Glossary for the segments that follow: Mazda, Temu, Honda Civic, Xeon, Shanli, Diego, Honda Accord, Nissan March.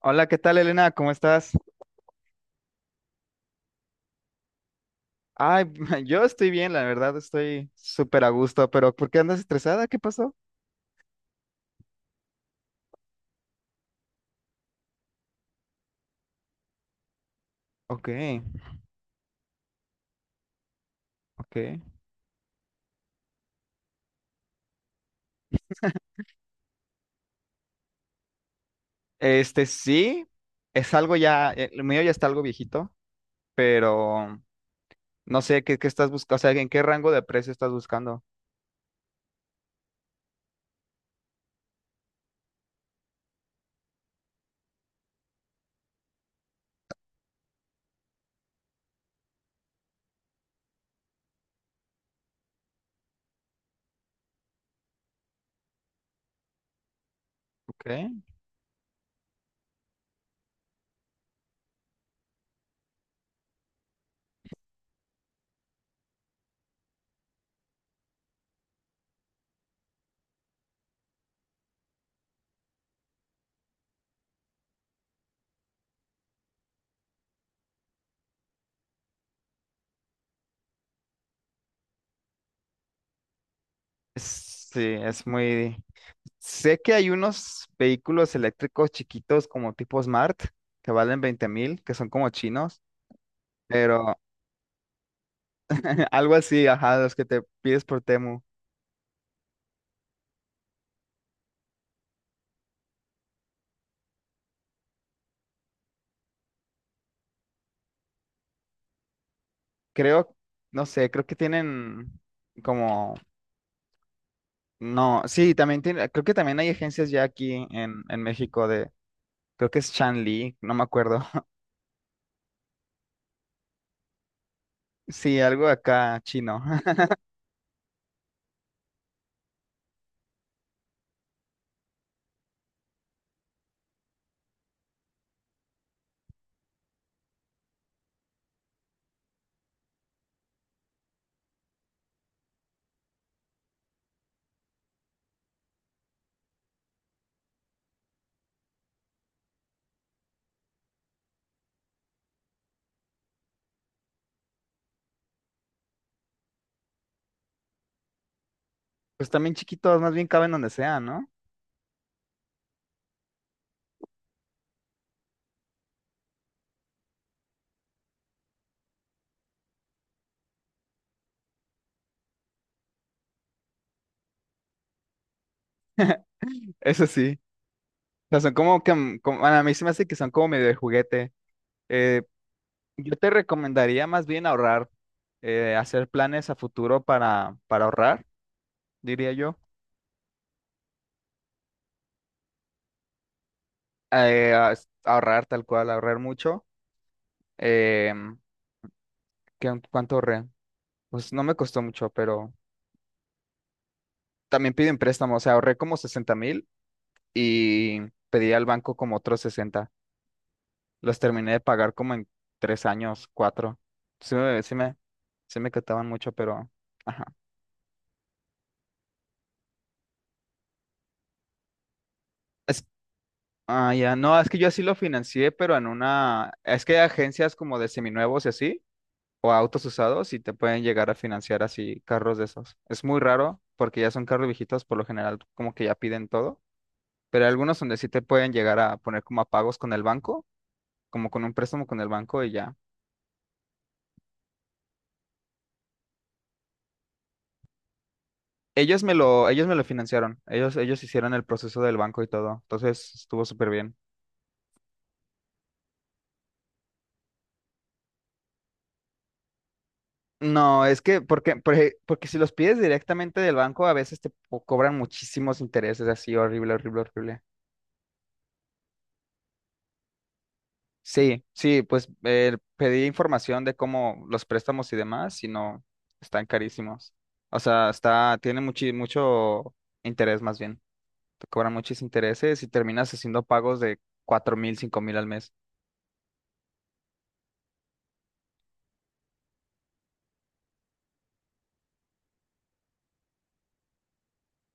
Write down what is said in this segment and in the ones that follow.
Hola, ¿qué tal, Elena? ¿Cómo estás? Ay, yo estoy bien, la verdad, estoy súper a gusto, pero ¿por qué andas estresada? ¿Qué pasó? Ok, ok. Este sí, es algo ya, lo mío ya está algo viejito, pero no sé qué estás buscando, o sea, ¿en qué rango de precio estás buscando? Ok. Sí, es muy... Sé que hay unos vehículos eléctricos chiquitos como tipo Smart que valen 20,000, que son como chinos, pero algo así, ajá, los que te pides por Temu. Creo, no sé, creo que tienen como, no, sí, también tiene, creo que también hay agencias ya aquí en México de, creo que es Shanli, no me acuerdo. Sí, algo acá chino. Pues también chiquitos, más bien caben donde sea, ¿no? Eso sí. O sea, son como que, como- bueno, a mí se me hace que son como medio de juguete. Eh, yo te recomendaría más bien ahorrar, hacer planes a futuro para ahorrar, diría yo. Eh, a- ahorrar tal cual, ahorrar mucho. Em, ¿Qué- ¿Cuánto ahorré? Pues no me costó mucho, pero también piden préstamos. O sea, ahorré como 60,000 y pedí al banco como otros 60. Los terminé de pagar como en 3 años, cuatro. Sí me, sí me, sí me costaban mucho, pero... Ajá. Es, ah, ya. No, es que yo así lo financié, pero en una... Es que hay agencias como de seminuevos y así, o autos usados, y te pueden llegar a financiar así carros de esos. Es muy raro porque ya son carros viejitos, por lo general como que ya piden todo, pero hay algunos donde sí te pueden llegar a poner como a pagos con el banco, como con un préstamo con el banco y ya. Ellos me lo financiaron, ellos hicieron el proceso del banco y todo, entonces estuvo súper bien. No, es que porque si los pides directamente del banco, a veces te po- cobran muchísimos intereses así, horrible, horrible, horrible. Sí, sí, pues pedí información de cómo los préstamos y demás, y no, están carísimos. O sea, está, tiene mucho interés más bien. Te cobran muchos intereses y terminas haciendo pagos de 4,000, 5,000 al mes.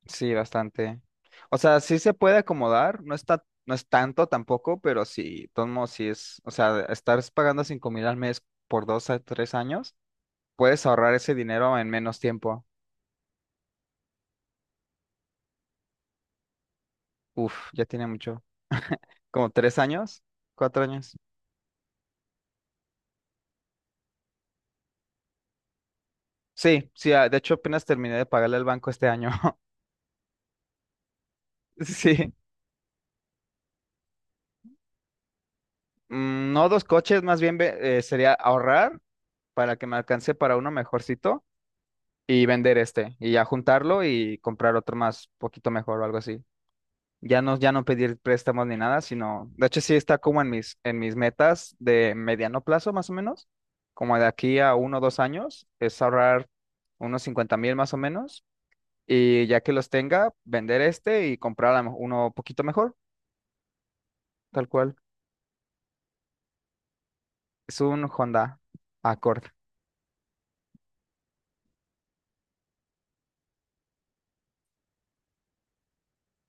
Sí, bastante. O sea, sí se puede acomodar, no está, no es tanto tampoco, pero sí, de todos modos sí es, o sea, estar pagando 5,000 al mes por dos a 3 años, puedes ahorrar ese dinero en menos tiempo. Uf, ya tiene mucho. ¿Como 3 años? ¿4 años? Sí, sí, ah, de hecho apenas terminé de pagarle al banco este año. Sí. No dos coches, más bien ve- sería ahorrar para que me alcance para uno mejorcito y vender este y ya juntarlo y comprar otro más poquito mejor o algo así. Ya no, ya no pedir préstamos ni nada, sino, de hecho sí está como en mis metas de mediano plazo más o menos, como de aquí a uno o 2 años, es ahorrar unos 50,000 más o menos y ya que los tenga, vender este y comprar a lo mejor uno poquito mejor, tal cual. Es un Honda Accord.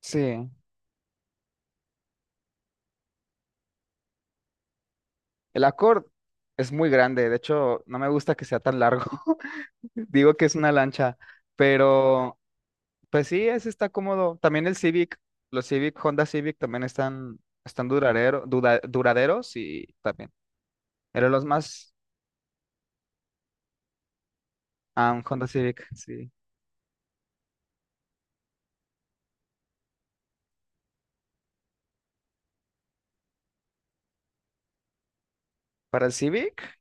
Sí, el Accord es muy grande, de hecho no me gusta que sea tan largo. Digo que es una lancha, pero pues sí, ese está cómodo. También el Civic, los Civic, Honda Civic también están, están duradero, dura- duraderos y también. Eran los más, ah, un Honda Civic, sí. Para el Civic,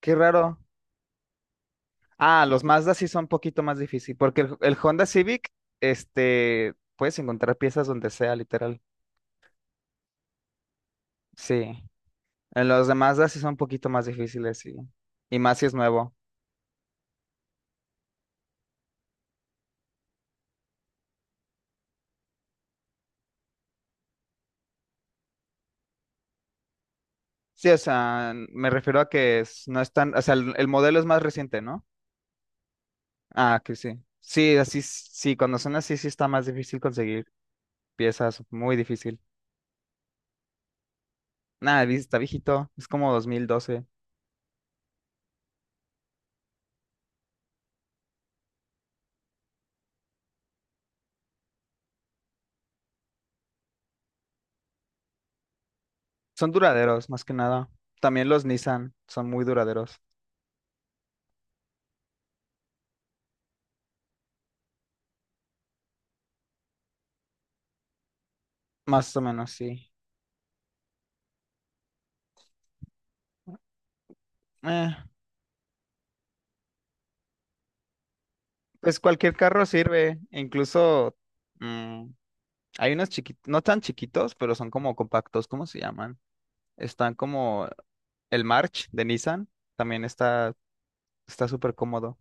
qué raro. Ah, los Mazda sí son un poquito más difícil, porque el Honda Civic, este, puedes encontrar piezas donde sea, literal. Sí. En los de Mazda sí son un poquito más difíciles, sí. Y más si es nuevo. Sí, o sea, me refiero a que es- no es tan, o sea, el modelo es más reciente, ¿no? Ah, que sí. Sí, así, s- sí, cuando son así, sí está más difícil conseguir piezas, muy difícil. Nada, vi- está viejito, es como 2012. Son duraderos, más que nada. También los Nissan son muy duraderos, más o menos, sí. Eh, pues cualquier carro sirve, e incluso mm, hay unos chiquitos, no tan chiquitos, pero son como compactos, ¿cómo se llaman? Están como el March de Nissan, también está. Está súper cómodo.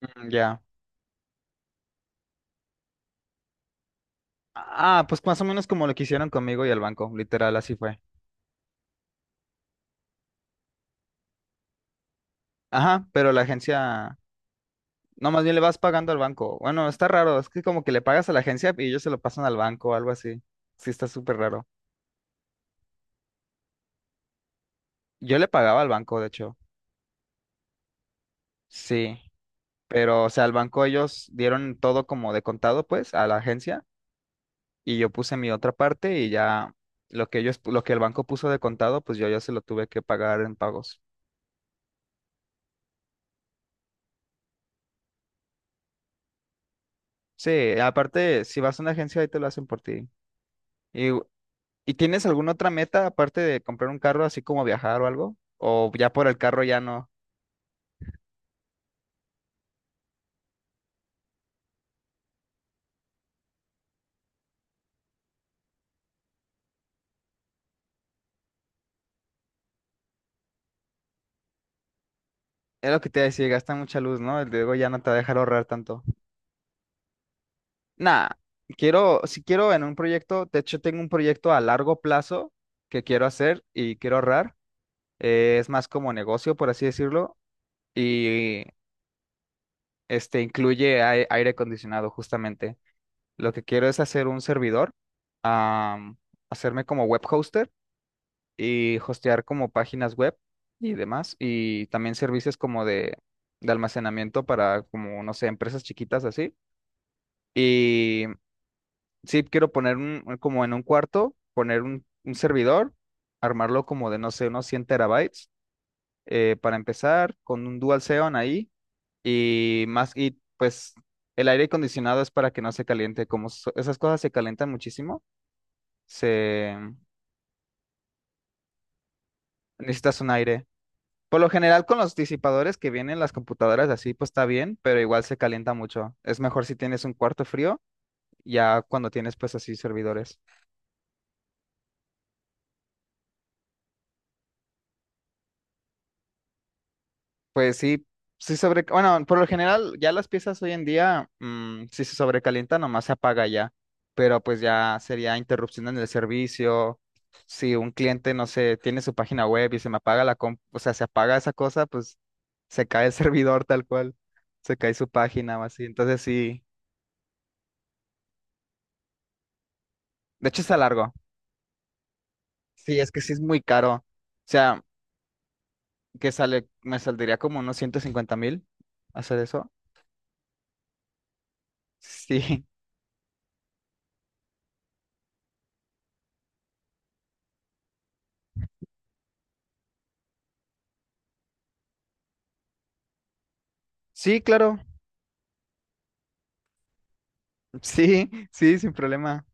Mm, ya. Ah, pues más o menos como lo que hicieron conmigo y el banco, literal, así fue. Ajá, pero la agencia, no, más bien le vas pagando al banco. Bueno, está raro, es que como que le pagas a la agencia y ellos se lo pasan al banco o algo así. Sí, está súper raro. Yo le pagaba al banco, de hecho. Sí, pero o sea, al banco ellos dieron todo como de contado, pues, a la agencia y yo puse mi otra parte y ya lo que ellos, lo que el banco puso de contado, pues yo ya se lo tuve que pagar en pagos. Sí, aparte, si vas a una agencia ahí te lo hacen por ti. ¿Y, ¿y tienes alguna otra meta aparte de comprar un carro, así como viajar o algo? ¿O ya por el carro ya no? Es lo que te iba a decir, gasta mucha luz, ¿no? El Diego ya no te va a dejar ahorrar tanto. Nah, quiero, si quiero en un proyecto, de hecho tengo un proyecto a largo plazo que quiero hacer y quiero ahorrar. Es más como negocio, por así decirlo, y este incluye ai- aire acondicionado, justamente. Lo que quiero es hacer un servidor, am, hacerme como web hoster y hostear como páginas web y demás, y también servicios como de almacenamiento para como, no sé, empresas chiquitas así. Y sí, quiero poner como en un cuarto, poner un servidor, armarlo como de, no sé, unos 100 terabytes para empezar, con un dual Xeon ahí, y más, y pues el aire acondicionado es para que no se caliente, como so- esas cosas se calientan muchísimo, se... Necesitas un aire. Por lo general con los disipadores que vienen las computadoras así, pues está bien, pero igual se calienta mucho. Es mejor si tienes un cuarto frío, ya cuando tienes pues así servidores. Pues sí, sí sobre... Bueno, por lo general ya las piezas hoy en día, si se sobrecalienta, nomás se apaga ya, pero pues ya sería interrupción en el servicio. Si un cliente, no sé, tiene su página web y se me apaga la comp, o sea, se apaga esa cosa, pues se cae el servidor tal cual, se cae su página o así. Entonces sí, de hecho está largo. Sí, es que sí es muy caro. O sea, que sale, me saldría como unos 150,000 hacer eso. Sí, sí, claro. Sí, sí, sin problema.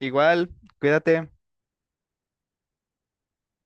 Igual, cuídate.